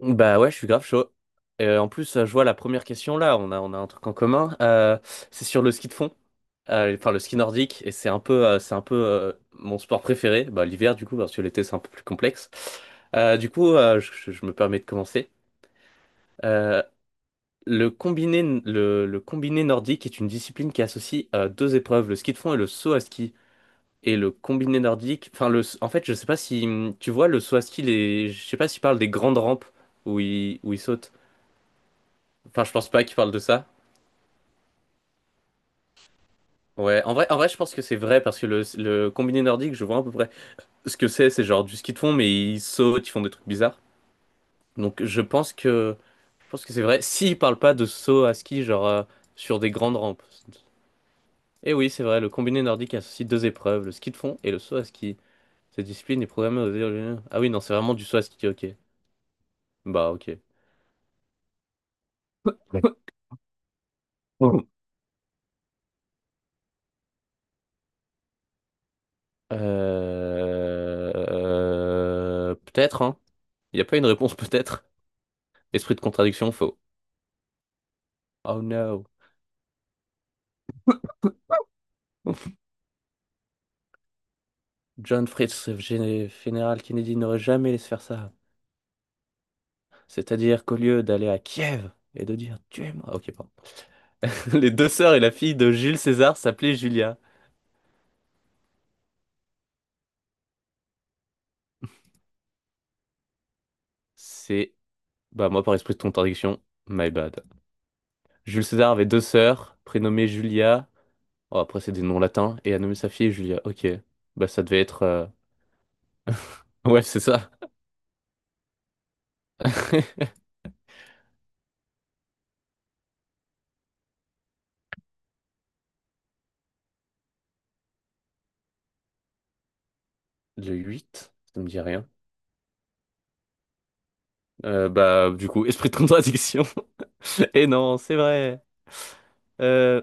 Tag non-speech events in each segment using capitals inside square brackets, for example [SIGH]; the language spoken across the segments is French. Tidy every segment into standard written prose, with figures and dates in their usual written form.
Bah ouais, je suis grave chaud. En plus, je vois la première question là, on a un truc en commun. C'est sur le ski de fond. Enfin, le ski nordique, et c'est un peu mon sport préféré, bah, l'hiver du coup, parce que l'été c'est un peu plus complexe. Du coup, je me permets de commencer. Euh, le combiné nordique est une discipline qui associe deux épreuves, le ski de fond et le saut à ski. Et le combiné nordique, enfin, le, en fait, je sais pas si tu vois le saut à ski, les, je sais pas s'il parle des grandes rampes où ils sautent. Enfin, je pense pas qu'il parle de ça. Ouais, en vrai, je pense que c'est vrai parce que le combiné nordique, je vois à peu près ce que c'est genre du ski de fond, mais ils sautent, ils font des trucs bizarres. Donc je pense que c'est vrai. S'ils parlent pas de saut à ski, genre sur des grandes rampes. Et oui, c'est vrai, le combiné nordique associe deux épreuves, le ski de fond et le saut à ski. Cette discipline est programmée aux... Ah oui, non, c'est vraiment du saut à ski, ok. Bah ok. D'accord. [LAUGHS] Peut-être, hein. Il n'y a pas une réponse, peut-être. Esprit de contradiction, faux. Oh no. [LAUGHS] John Fritz, général Kennedy, n'aurait jamais laissé faire ça. C'est-à-dire qu'au lieu d'aller à Kiev et de dire tuez-moi, ok, pardon. [LAUGHS] Les deux sœurs et la fille de Jules César s'appelaient Julia. C'est, bah moi par esprit de contradiction, my bad. Jules César avait deux sœurs, prénommées Julia. Oh, après c'est des noms latins et a nommé sa fille Julia. Ok, bah ça devait être, [LAUGHS] ouais c'est ça. [LAUGHS] Le 8 ça me dit rien. Bah du coup [LAUGHS] esprit de contradiction. [LAUGHS] Et non, c'est vrai. Euh,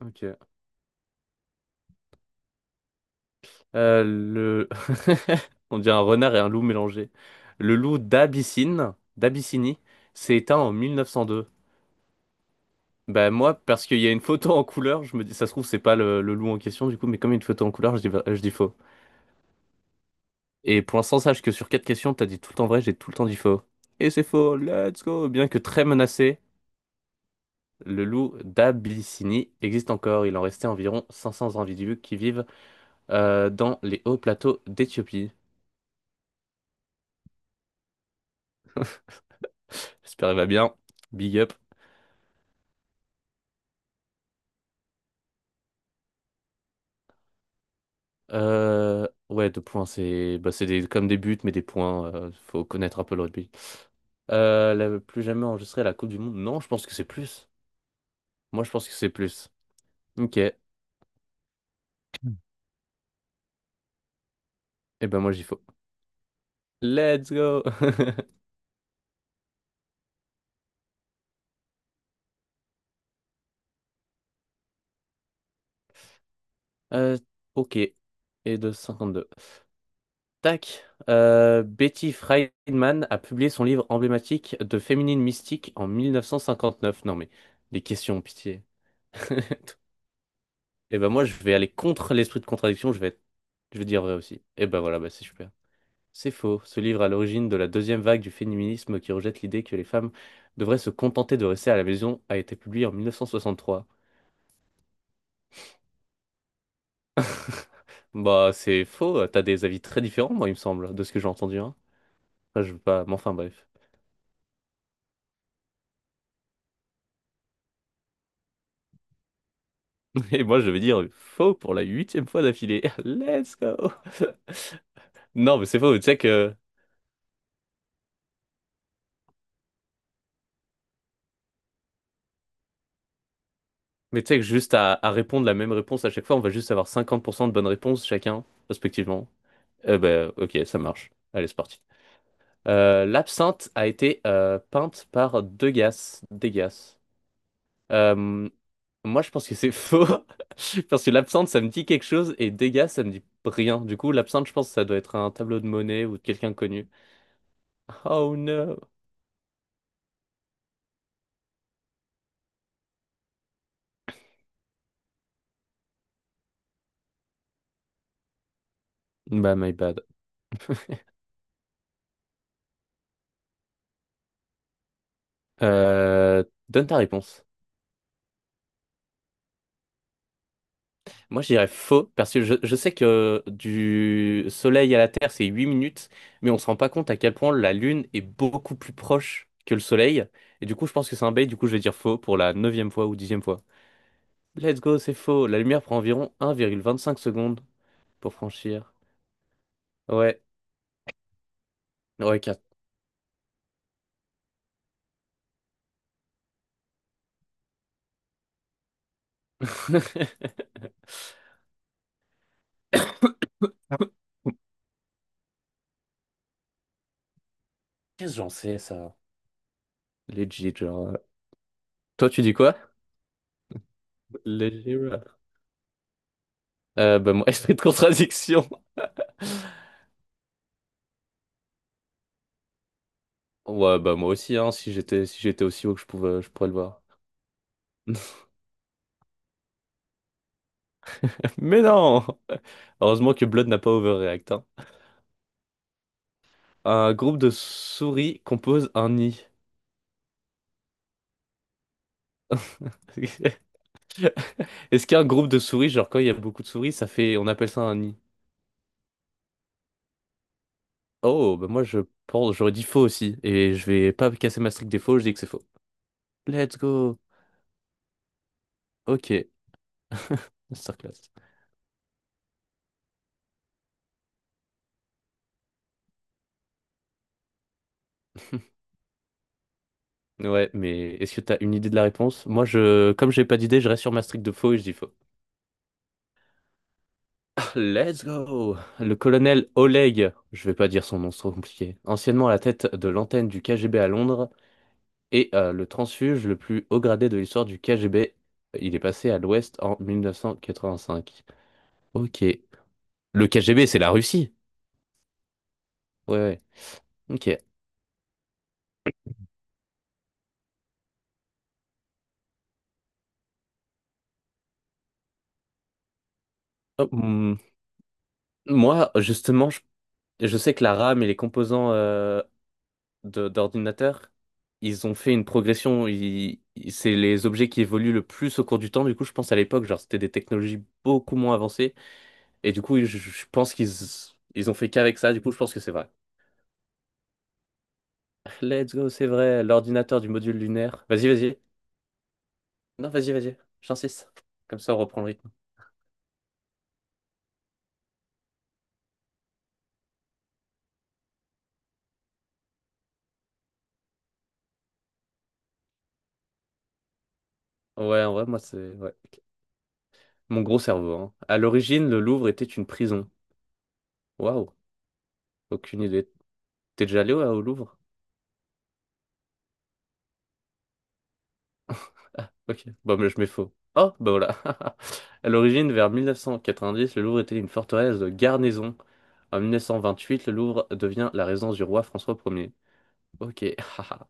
ok. Le... [LAUGHS] On dit un renard et un loup mélangés. Le loup d'Abyssinie, s'est éteint en 1902. Ben moi, parce qu'il y a une photo en couleur, je me dis, ça se trouve, c'est pas le loup en question, du coup, mais comme il y a une photo en couleur, je dis faux. Et pour l'instant, sache que sur quatre questions, t'as dit tout le temps vrai, j'ai tout le temps dit faux. Et c'est faux, let's go! Bien que très menacé, le loup d'Abyssinie existe encore. Il en restait environ 500 individus qui vivent dans les hauts plateaux d'Éthiopie. J'espère qu'il va bien. Big up. Ouais, deux points, c'est bah, c'est des, comme des buts, mais des points. Euh, faut connaître un peu le rugby. Plus jamais enregistré à la Coupe du Monde. Non, je pense que c'est plus. Moi, je pense que c'est plus. Ok. Eh ben, moi, j'y faut. Let's go! [LAUGHS] Euh, ok. Et de 52. Tac. Betty Friedman a publié son livre emblématique de féminine mystique en 1959. Non, mais les questions, pitié. [LAUGHS] Et ben moi, je vais aller contre l'esprit de contradiction, je vais dire vrai aussi. Et ben voilà, bah c'est super. C'est faux. Ce livre est à l'origine de la deuxième vague du féminisme qui rejette l'idée que les femmes devraient se contenter de rester à la maison a été publié en 1963. [LAUGHS] Bah c'est faux, t'as des avis très différents, moi, il me semble, de ce que j'ai entendu, hein. Enfin, je veux pas, mais enfin bref. [LAUGHS] Et moi, je vais dire faux pour la huitième fois d'affilée. [LAUGHS] Let's go! [LAUGHS] Non, mais c'est faux, tu sais que mais tu sais que juste à répondre la même réponse à chaque fois, on va juste avoir 50% de bonnes réponses chacun, respectivement. Eh ben, ok, ça marche. Allez, c'est parti. L'absinthe a été peinte par Degas. Degas. Euh, Moi, je pense que c'est faux. [LAUGHS] Parce que l'absinthe, ça me dit quelque chose et Degas, ça me dit rien. Du coup, l'absinthe, je pense que ça doit être un tableau de Monet ou de quelqu'un de connu. Oh no! Bah, my bad. Donne ta réponse. Moi, je dirais faux, parce que je sais que du Soleil à la Terre, c'est 8 minutes, mais on se rend pas compte à quel point la Lune est beaucoup plus proche que le Soleil. Et du coup, je pense que c'est un bait, du coup, je vais dire faux pour la neuvième fois ou dixième fois. Let's go, c'est faux. La lumière prend environ 1,25 secondes pour franchir. Ouais, ouais, quatre [COUGHS] [LAUGHS] Qu'est-ce que j'en sais, ça? Legit, genre. Toi, tu dis quoi? Legit. Rap. Bah, moi, [LAUGHS] esprit de contradiction. Ouais, bah moi aussi, hein, si j'étais aussi haut que je pouvais, je pourrais le voir. [LAUGHS] Mais non! Heureusement que Blood n'a pas overreact. Hein. Un groupe de souris compose un nid. [LAUGHS] Est-ce qu'un groupe de souris, genre quand il y a beaucoup de souris, ça fait, on appelle ça un nid? Oh, bah moi j'aurais dit faux aussi. Et je vais pas casser ma streak des faux, je dis que c'est faux. Let's go! Ok, masterclass. [LAUGHS] Ouais, mais est-ce que t'as une idée de la réponse? Moi, comme j'ai pas d'idée, je reste sur ma streak de faux et je dis faux. Let's go! Le colonel Oleg, je vais pas dire son nom, c'est trop compliqué, anciennement à la tête de l'antenne du KGB à Londres et le transfuge le plus haut gradé de l'histoire du KGB, il est passé à l'Ouest en 1985. Ok. Le KGB, c'est la Russie? Ouais. Ok. Oh, hmm. Moi, justement, je sais que la RAM et les composants d'ordinateur, ils ont fait une progression. C'est les objets qui évoluent le plus au cours du temps. Du coup, je pense à l'époque, genre, c'était des technologies beaucoup moins avancées. Et du coup, je pense qu'ils ils ont fait qu'avec ça. Du coup, je pense que c'est vrai. Let's go, c'est vrai. L'ordinateur du module lunaire. Vas-y. Non, vas-y. J'insiste. Comme ça, on reprend le rythme. Ouais, en vrai, moi, c'est. Ouais. Mon gros cerveau. Hein. À l'origine, le Louvre était une prison. Waouh. Aucune idée. T'es déjà allé ouais, au Louvre? Ok, bon, mais je mets faux. Oh, bah voilà. [LAUGHS] À l'origine, vers 1990, le Louvre était une forteresse de garnison. En 1928, le Louvre devient la résidence du roi François Ier. Ok, [LAUGHS] haha.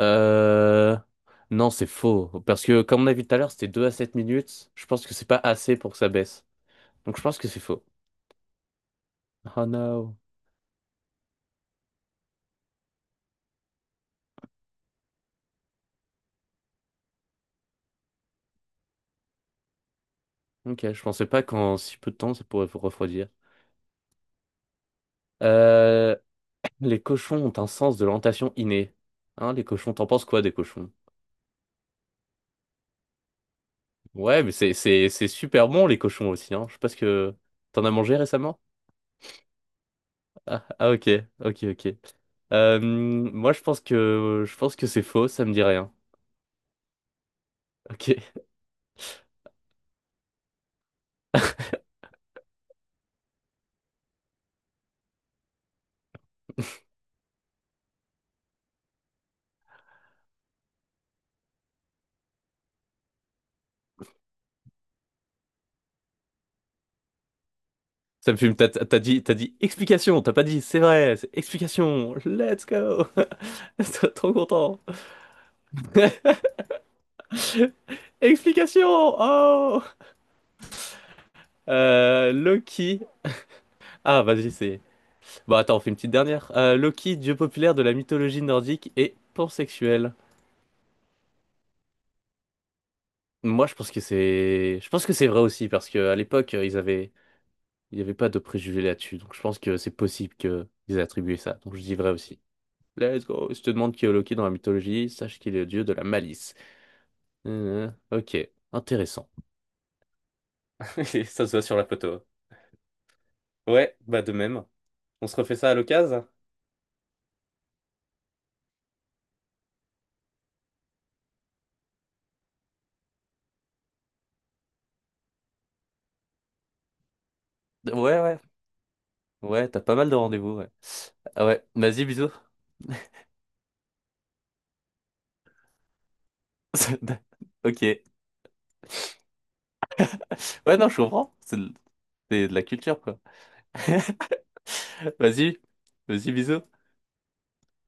euh... Non, c'est faux. Parce que, comme on a vu tout à l'heure, c'était 2 à 7 minutes. Je pense que c'est pas assez pour que ça baisse. Donc, je pense que c'est faux. Oh no. Ok, je pensais pas qu'en si peu de temps, ça pourrait vous refroidir. Euh... Les cochons ont un sens de l'orientation inné. Hein, les cochons, t'en penses quoi des cochons? Ouais, mais c'est super bon les cochons aussi, hein. Je sais pas ce que t'en as mangé récemment? Ah, ah, ok. Moi je pense que c'est faux, ça me dit rien. Ok. [LAUGHS] Ça me fume. T'as dit explication, t'as pas dit c'est vrai, c'est explication. Let's go. [LAUGHS] Trop content. [LAUGHS] Explication. Oh. Loki. Ah vas-y c'est. Bon attends, on fait une petite dernière. Loki, dieu populaire de la mythologie nordique et pansexuel. Moi, je pense que c'est vrai aussi parce que à l'époque, ils avaient, il n'y avait pas de préjugés là-dessus. Donc, je pense que c'est possible qu'ils aient attribué ça. Donc, je dis vrai aussi. Let's go. Si je te demande qui est Loki dans la mythologie, sache qu'il est le dieu de la malice. Ok, intéressant. [LAUGHS] Ça se voit sur la photo. Ouais, bah de même. On se refait ça à l'occasion? Ouais, ouais, ouais. T'as pas mal de rendez-vous. Ouais. Ah ouais. Vas-y, bisous. [LAUGHS] Ok. Ouais, non, je comprends. C'est de la culture, quoi. [LAUGHS] Vas-y, vas-y, bisous.